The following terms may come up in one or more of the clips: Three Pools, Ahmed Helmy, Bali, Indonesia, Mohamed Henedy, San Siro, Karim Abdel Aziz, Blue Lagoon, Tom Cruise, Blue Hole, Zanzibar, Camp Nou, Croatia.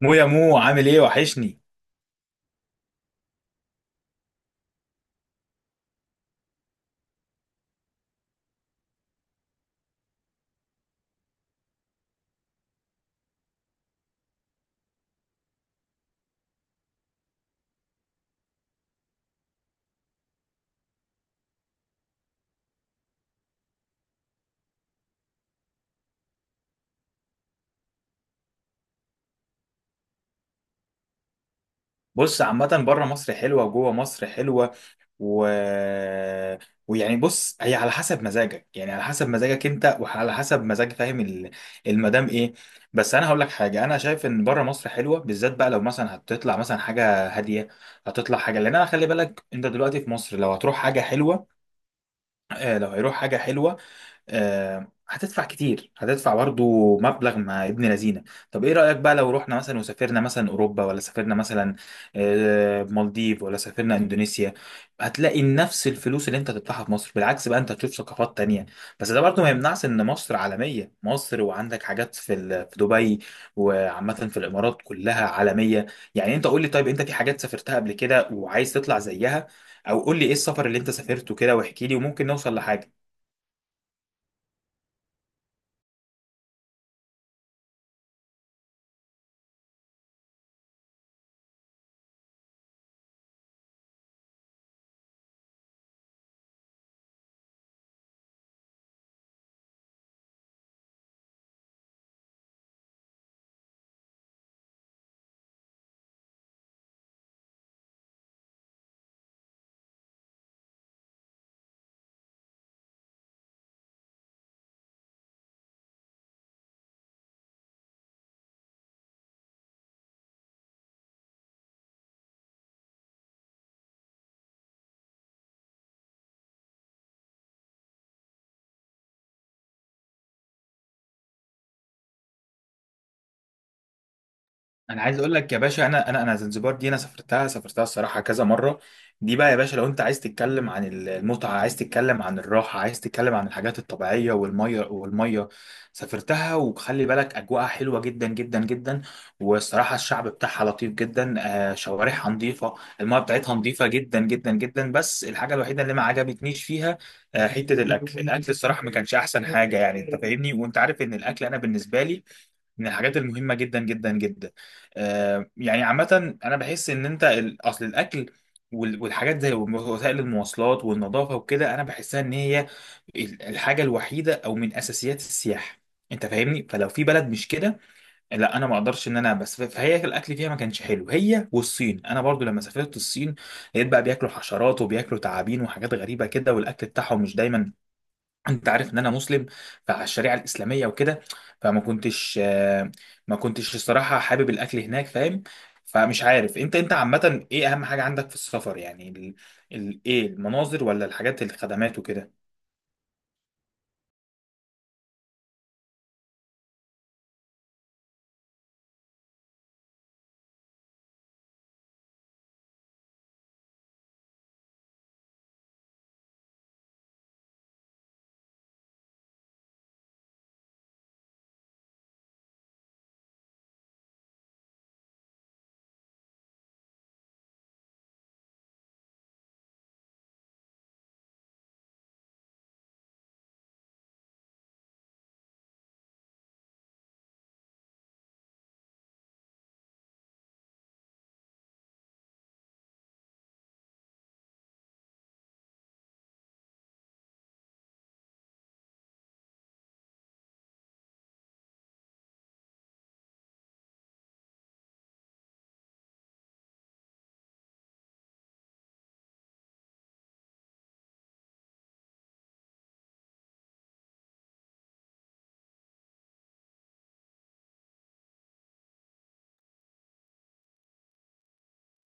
يا مو، عامل ايه؟ وحشني. بص، عامة بره مصر حلوة وجوه مصر حلوة و... ويعني بص، هي على حسب مزاجك، يعني على حسب مزاجك انت، وعلى حسب مزاج، فاهم؟ المدام ايه. بس انا هقول لك حاجة. انا شايف ان بره مصر حلوة، بالذات بقى لو مثلا هتطلع مثلا حاجة هادية. هتطلع حاجة، لان انا، خلي بالك، انت دلوقتي في مصر لو هتروح حاجة حلوة. لو هيروح حاجة حلوة. هتدفع كتير، هتدفع برضو مبلغ مع ابن لذينه. طب ايه رأيك بقى لو رحنا مثلا وسافرنا مثلا اوروبا، ولا سافرنا مثلا مالديف، ولا سافرنا اندونيسيا؟ هتلاقي نفس الفلوس اللي انت هتدفعها في مصر، بالعكس بقى انت هتشوف ثقافات تانية. بس ده برضو ما يمنعش ان مصر عالمية، مصر وعندك حاجات في في دبي، وعامة في الامارات كلها عالمية. يعني انت قول لي، طيب انت في حاجات سافرتها قبل كده وعايز تطلع زيها؟ او قول لي ايه السفر اللي انت سافرته كده، واحكي لي وممكن نوصل لحاجة. انا عايز اقول لك يا باشا، انا زنجبار دي انا سافرتها الصراحه كذا مره. دي بقى يا باشا، لو انت عايز تتكلم عن المتعه، عايز تتكلم عن الراحه، عايز تتكلم عن الحاجات الطبيعيه والميه والميه. سافرتها، وخلي بالك اجواءها حلوه جدا جدا جدا، والصراحه الشعب بتاعها لطيف جدا. شوارعها نظيفه، الميه بتاعتها نظيفه جدا جدا جدا، بس الحاجه الوحيده اللي ما عجبتنيش فيها حته الاكل. الاكل الصراحه ما كانش احسن حاجه، يعني انت فاهمني، وانت عارف ان الاكل انا بالنسبه لي من الحاجات المهمة جدا جدا جدا. يعني عامة أنا بحس إن أنت، أصل الأكل والحاجات زي وسائل المواصلات والنظافة وكده، أنا بحسها إن هي الحاجة الوحيدة أو من أساسيات السياحة. أنت فاهمني، فلو في بلد مش كده، لا، أنا ما أقدرش. إن أنا بس، فهي الأكل فيها ما كانش حلو، هي والصين. أنا برضو لما سافرت الصين، لقيت بقى بياكلوا حشرات وبياكلوا تعابين وحاجات غريبة كده، والأكل بتاعهم مش دايما، انت عارف ان انا مسلم، فعلى الشريعه الاسلاميه وكده. فما كنتش آه، ما كنتش الصراحه حابب الاكل هناك، فاهم؟ فمش عارف انت، عامه، ايه اهم حاجه عندك في السفر؟ يعني ايه، المناظر ولا الحاجات، الخدمات وكده؟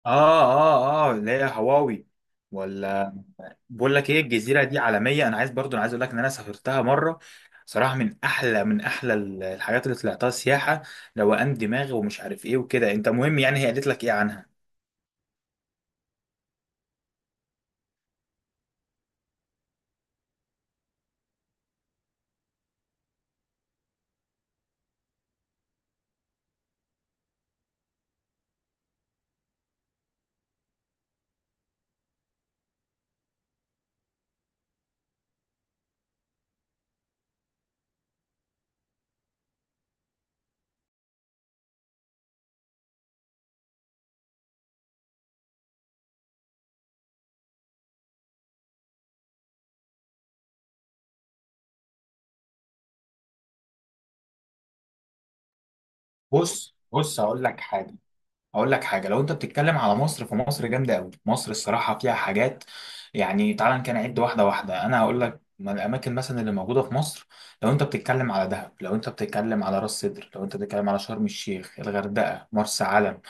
اه، اه، اه، اللي هي هواوي. ولا؟ بقول لك ايه، الجزيره دي عالميه. انا عايز برضو، انا عايز اقول لك ان انا سافرتها مره. صراحه من احلى الحاجات اللي طلعتها سياحه، روقان دماغ ومش عارف ايه وكده. انت، مهم يعني، هي قالت لك ايه عنها؟ بص بص، هقول لك حاجه، اقول لك حاجه. لو انت بتتكلم على مصر، فمصر جامده قوي، مصر الصراحه فيها حاجات. يعني تعال كده نعد واحده واحده، انا هقول لك من الاماكن مثلا اللي موجوده في مصر. لو انت بتتكلم على دهب، لو انت بتتكلم على راس سدر، لو انت بتتكلم على شرم الشيخ، الغردقه، مرسى علم،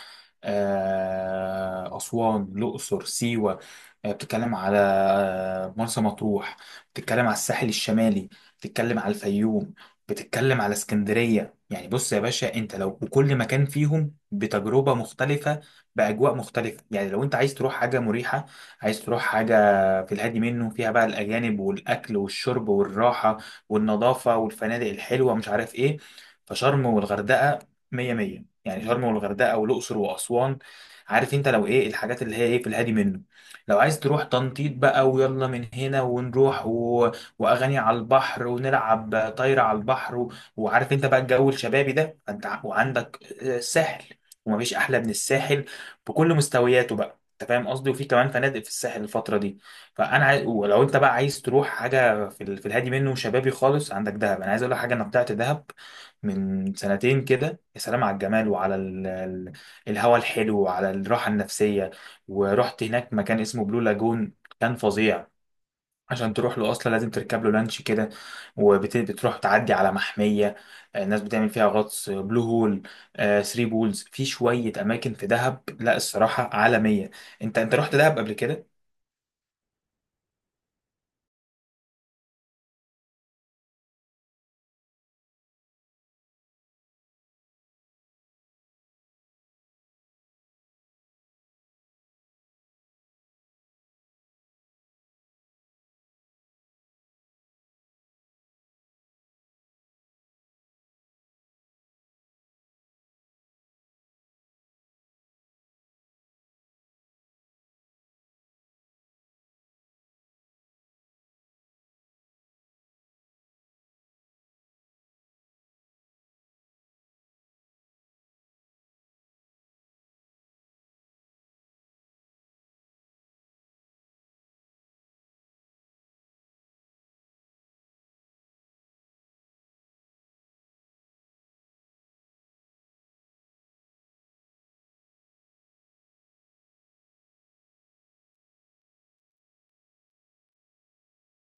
اسوان، الاقصر، سيوه، بتتكلم على مرسى مطروح، بتتكلم على الساحل الشمالي، بتتكلم على الفيوم، بتتكلم على اسكندريه. يعني بص يا باشا، انت لو وكل مكان فيهم بتجربة مختلفة، بأجواء مختلفة. يعني لو أنت عايز تروح حاجة مريحة، عايز تروح حاجة في الهادي منه، فيها بقى الأجانب والأكل والشرب والراحة والنظافة والفنادق الحلوة مش عارف إيه، فشرم والغردقة مية مية، يعني شرم والغردقة والأقصر وأسوان، عارف أنت لو إيه الحاجات اللي هي إيه في الهادي منه. لو عايز تروح تنطيط بقى، ويلا من هنا ونروح، وأغاني على البحر، ونلعب طايرة على البحر، وعارف انت بقى الجو الشبابي ده، فانت وعندك الساحل، ومفيش احلى من الساحل بكل مستوياته، بقى انت فاهم قصدي، وفي كمان فنادق في الساحل الفتره دي. فانا عايز، ولو انت بقى عايز تروح حاجه في الهادي منه وشبابي خالص، عندك دهب. انا عايز اقول لك حاجه، انا طلعت دهب من سنتين كده، يا سلام على الجمال وعلى الهوا الحلو وعلى الراحه النفسيه. ورحت هناك مكان اسمه بلو لاجون، كان فظيع. عشان تروح له اصلا لازم تركب له لانش كده، وبتروح تعدي على محميه. الناس بتعمل فيها غطس، بلو هول، ثري بولز. في شويه اماكن في دهب، لا الصراحه عالميه. انت رحت دهب قبل كده؟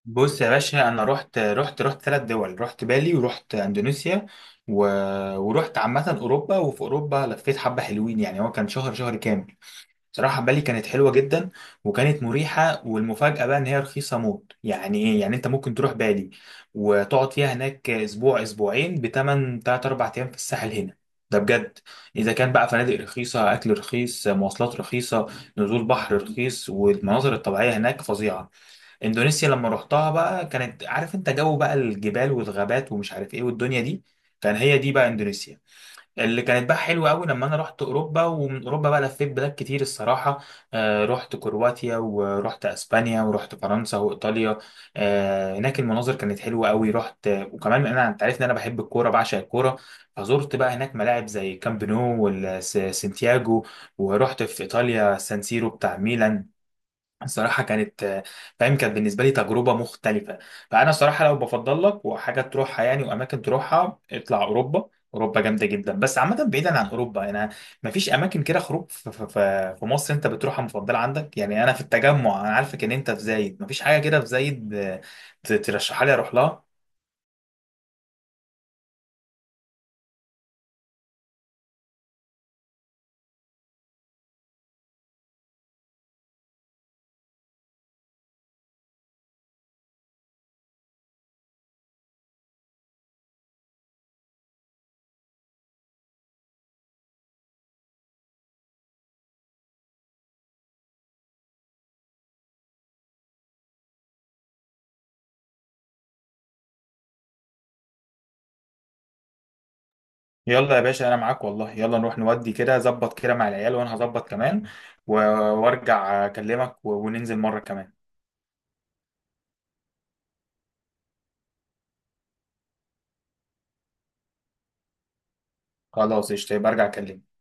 بص يا باشا، انا رحت 3 دول، رحت بالي ورحت اندونيسيا و... ورحت عامه اوروبا، وفي اوروبا لفيت حبه حلوين، يعني هو كان شهر كامل. صراحة بالي كانت حلوة جدا، وكانت مريحة، والمفاجأة بقى إن هي رخيصة موت يعني إيه. يعني أنت ممكن تروح بالي وتقعد فيها هناك أسبوع أسبوعين بتمن تلات أربع أيام في الساحل هنا. ده بجد. إذا كان بقى فنادق رخيصة، أكل رخيص، مواصلات رخيصة، نزول بحر رخيص، والمناظر الطبيعية هناك فظيعة. إندونيسيا لما رحتها بقى كانت، عارف أنت، جو بقى الجبال والغابات ومش عارف إيه والدنيا دي، كان هي دي بقى إندونيسيا، اللي كانت بقى حلوه قوي. لما انا رحت اوروبا، ومن اوروبا بقى لفيت بلاد كتير الصراحه. رحت كرواتيا ورحت اسبانيا ورحت فرنسا وايطاليا. هناك المناظر كانت حلوه قوي، رحت وكمان. انا انت عارف ان انا بحب الكوره، بعشق الكوره، فزرت بقى هناك ملاعب زي كامب نو والسانتياجو، ورحت في ايطاليا سان سيرو بتاع ميلان. الصراحة كانت، فاهم، كانت بالنسبة لي تجربة مختلفة. فأنا الصراحة لو بفضل لك وحاجة تروحها يعني، وأماكن تروحها، اطلع أوروبا. أوروبا جامدة جدا. بس عامة بعيدا عن أوروبا، أنا مفيش أماكن كده خروج في مصر أنت بتروحها مفضلة عندك؟ يعني أنا في التجمع، أنا عارفك إن أنت في زايد، مفيش حاجة كده في زايد؟ ترشحها لي أروح لها. يلا يا باشا، أنا معاك والله، يلا نروح نودي كده، ظبط كده مع العيال، وأنا هظبط كمان و- وأرجع أكلمك، وننزل مرة كمان. خلاص، قشطة، يبقى أرجع أكلمك.